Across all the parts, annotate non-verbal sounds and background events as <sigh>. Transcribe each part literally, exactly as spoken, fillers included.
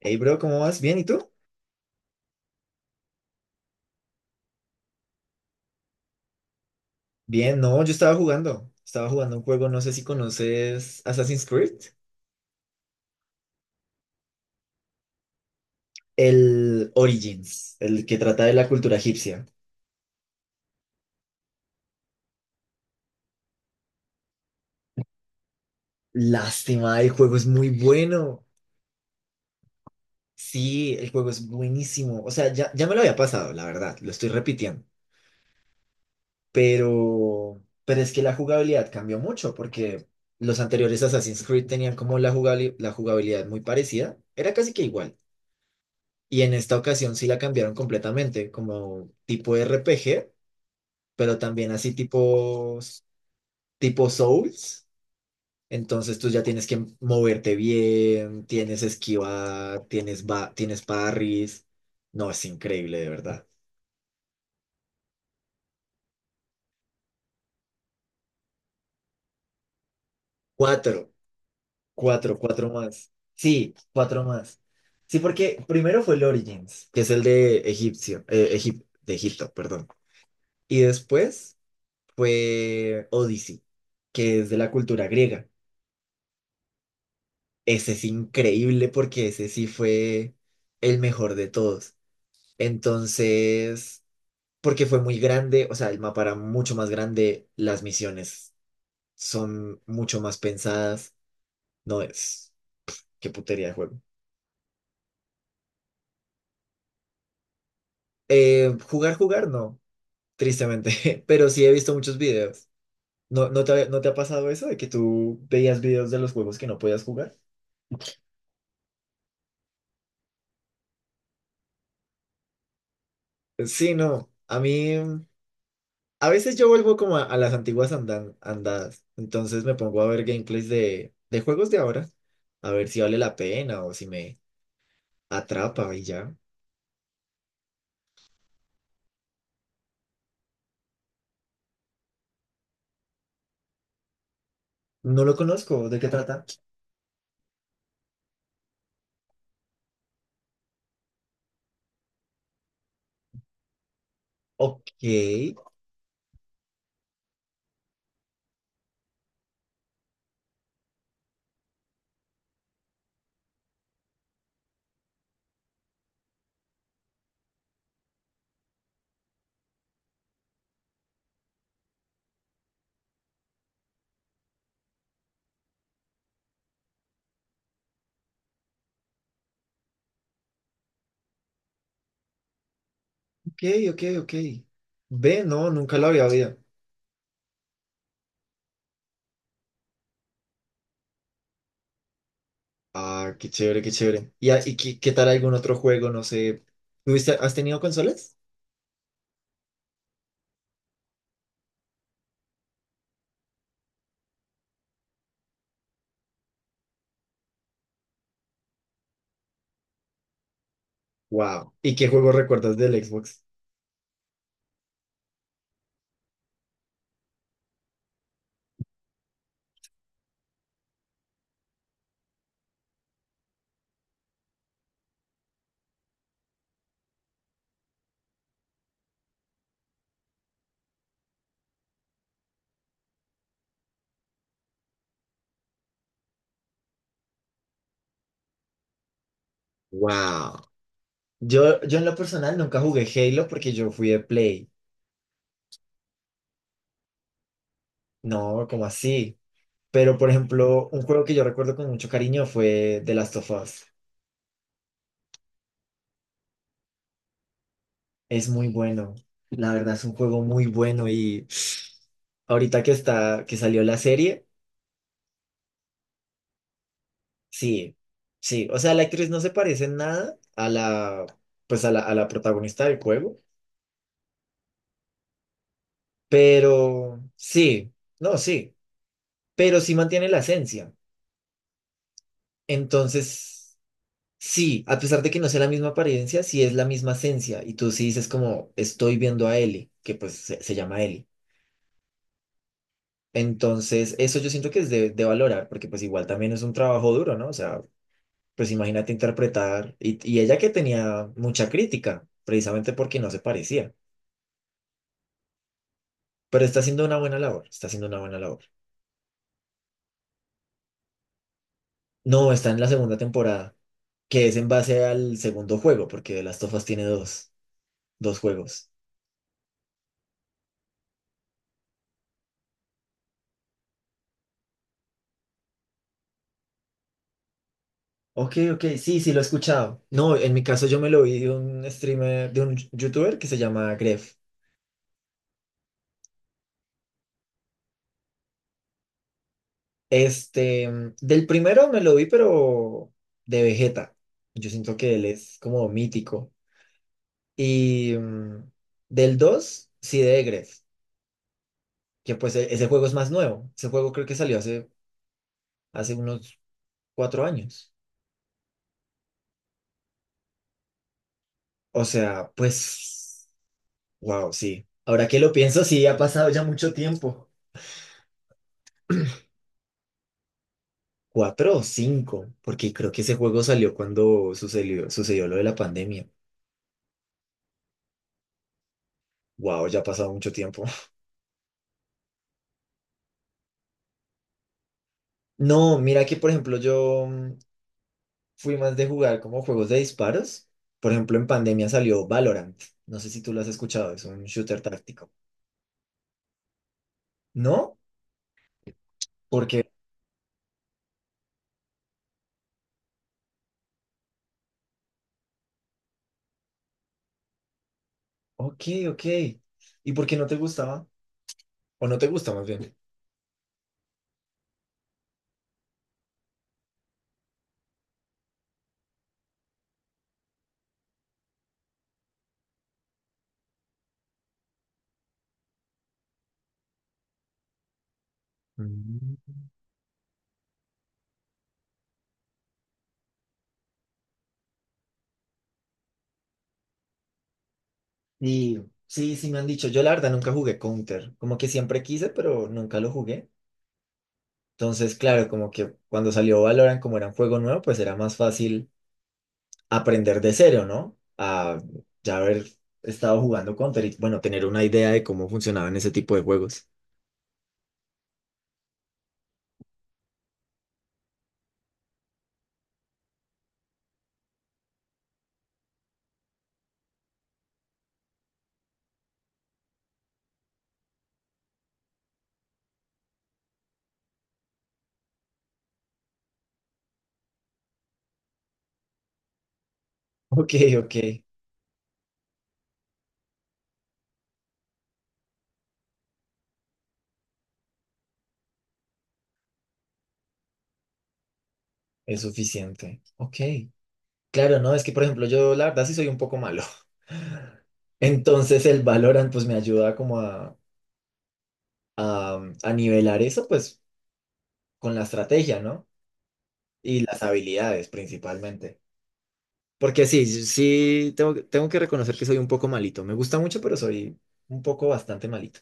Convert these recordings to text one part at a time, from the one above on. Hey, bro, ¿cómo vas? ¿Bien? ¿Y tú? Bien, no, yo estaba jugando. Estaba jugando un juego, no sé si conoces Assassin's Creed. El Origins, el que trata de la cultura egipcia. Lástima, el juego es muy bueno. Sí, el juego es buenísimo. O sea, ya, ya me lo había pasado, la verdad, lo estoy repitiendo. Pero, pero es que la jugabilidad cambió mucho porque los anteriores Assassin's Creed tenían como la jugabili- la jugabilidad muy parecida. Era casi que igual. Y en esta ocasión sí la cambiaron completamente, como tipo R P G, pero también así tipo, tipo Souls. Entonces tú ya tienes que moverte bien, tienes esquivar, tienes, ba- tienes parries. No, es increíble, de verdad. Cuatro, cuatro, cuatro más. Sí, cuatro más. Sí, porque primero fue el Origins, que es el de Egipcio, eh, Egip- de Egipto, perdón. Y después fue Odyssey, que es de la cultura griega. Ese es increíble porque ese sí fue el mejor de todos. Entonces, porque fue muy grande, o sea, el mapa era mucho más grande, las misiones son mucho más pensadas. No es, qué putería de juego. Eh, jugar, jugar, no, tristemente, <laughs> pero sí he visto muchos videos. ¿No, no te, ha- no te ha pasado eso de que tú veías videos de los juegos que no podías jugar? Sí, no, a mí. A veces yo vuelvo como a, a las antiguas andan- andadas, entonces me pongo a ver gameplays de, de juegos de ahora, a ver si vale la pena o si me atrapa y ya. No lo conozco, ¿de qué trata? Ok, ok, ok, ok. Ve, no, nunca lo había oído. Ah, qué chévere, qué chévere. ¿Y, a- y qué, qué tal algún otro juego? No sé. ¿Tuviste, has tenido consolas? Wow. ¿Y qué juego recuerdas del Xbox? Wow. Yo, yo en lo personal nunca jugué Halo porque yo fui de Play. No, ¿cómo así? Pero, por ejemplo, un juego que yo recuerdo con mucho cariño fue The Last of Us. Es muy bueno. La verdad es un juego muy bueno y <sniffs> ahorita que está, que salió la serie, sí, sí. O sea, la actriz no se parece en nada a la, pues a la, a la protagonista del juego, pero sí, no, sí, pero sí mantiene la esencia. Entonces, sí, a pesar de que no sea la misma apariencia, sí es la misma esencia. Y tú sí dices como, estoy viendo a Ellie, que pues se, se llama Ellie. Entonces, eso yo siento que es de, de valorar, porque pues igual también es un trabajo duro, ¿no? O sea, pues imagínate interpretar, y, y ella que tenía mucha crítica, precisamente porque no se parecía, pero está haciendo una buena labor, está haciendo una buena labor. No, está en la segunda temporada, que es en base al segundo juego, porque The Last of Us tiene dos, dos juegos. Ok, ok, sí, sí, lo he escuchado. No, en mi caso yo me lo vi de un streamer, de un youtuber que se llama Gref. Este, mm, del primero me lo vi, pero de Vegeta. Yo siento que él es como mítico. Y mm, del dos sí de Egref, que pues e- ese juego es más nuevo. Ese juego creo que salió hace, hace unos cuatro años. O sea, pues, wow, sí. Ahora que lo pienso, sí, ha pasado ya mucho tiempo. Cuatro o cinco, porque creo que ese juego salió cuando sucedió, sucedió lo de la pandemia. Wow, ya ha pasado mucho tiempo. <laughs> No, mira que por ejemplo yo mm, fui más de jugar como juegos de disparos. Por ejemplo, en pandemia salió Valorant. No sé si tú lo has escuchado, es un shooter táctico. ¿No? Porque, ok, ok. ¿Y por qué no te gustaba? ¿O no te gusta más bien? Mm. Y sí, sí me han dicho, yo la verdad nunca jugué Counter, como que siempre quise, pero nunca lo jugué. Entonces, claro, como que cuando salió Valorant, como era un juego nuevo, pues era más fácil aprender de cero, ¿no? A ya haber estado jugando Counter y, bueno, tener una idea de cómo funcionaban ese tipo de juegos. Ok, ok, es suficiente. Ok, claro, no, es que por ejemplo yo la verdad sí soy un poco malo. <laughs> Entonces el Valorant pues me ayuda como a, a, mm, a nivelar eso pues con la estrategia, ¿no? Y las habilidades principalmente. Porque sí, sí, tengo, que- tengo que reconocer que soy un poco malito. Me gusta mucho, pero soy un poco bastante malito.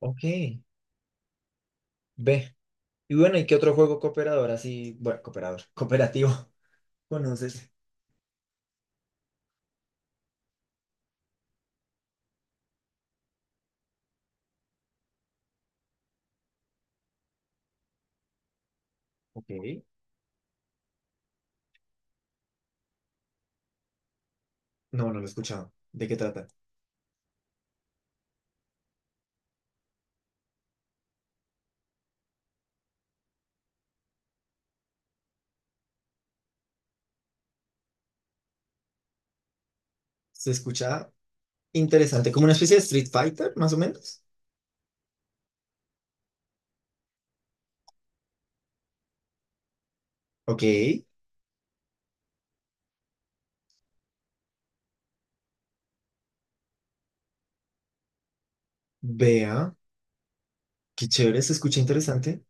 Ok, ve. Y bueno, ¿y qué otro juego cooperador así? Bueno, cooperador, cooperativo. <laughs> ¿Conoces? Ok. No, no lo he escuchado. ¿De qué trata? Se escucha interesante, como una especie de Street Fighter, más o menos. Ok, vea, qué chévere, se escucha interesante.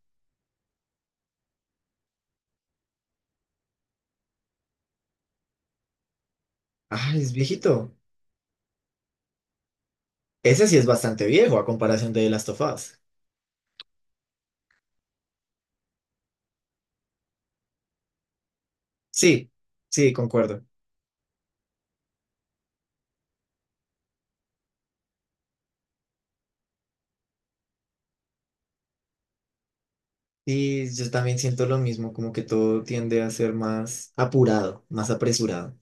Ah, es viejito. Ese sí es bastante viejo a comparación de Last of Us. Sí, sí, concuerdo. Y yo también siento lo mismo, como que todo tiende a ser más apurado, más apresurado.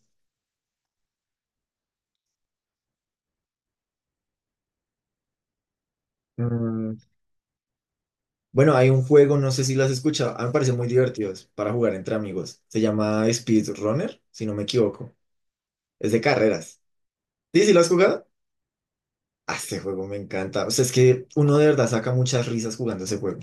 Mm, bueno, hay un juego, no sé si lo has escuchado, a mí me parece muy divertido para jugar entre amigos. Se llama Speedrunner, si no me equivoco. Es de carreras. ¿Sí, sí lo has jugado? Ah, este juego me encanta. O sea, es que uno de verdad saca muchas risas jugando ese juego.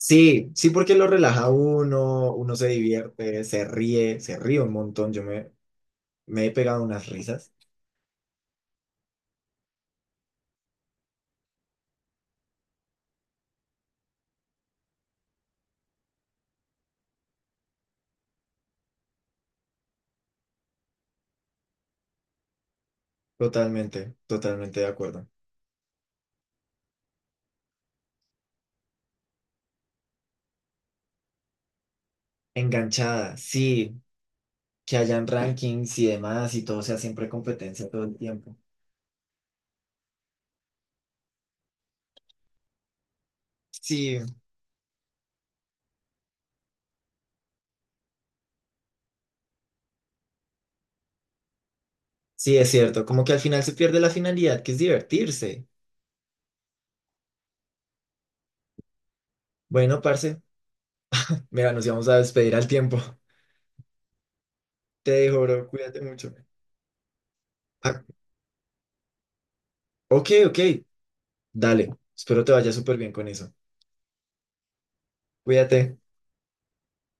Sí, sí, porque lo relaja uno, uno se divierte, se ríe, se ríe un montón. Yo me, me he pegado unas risas. Totalmente, totalmente de acuerdo. Enganchada, sí, que hayan rankings y demás y todo sea siempre competencia todo el tiempo. Sí, sí, es cierto. Como que al final se pierde la finalidad, que es divertirse. Bueno, parce, mira, nos íbamos a despedir al tiempo. <laughs> Te dejo, bro, cuídate mucho. Ah, ok, ok. Dale, espero te vaya súper bien con eso. Cuídate.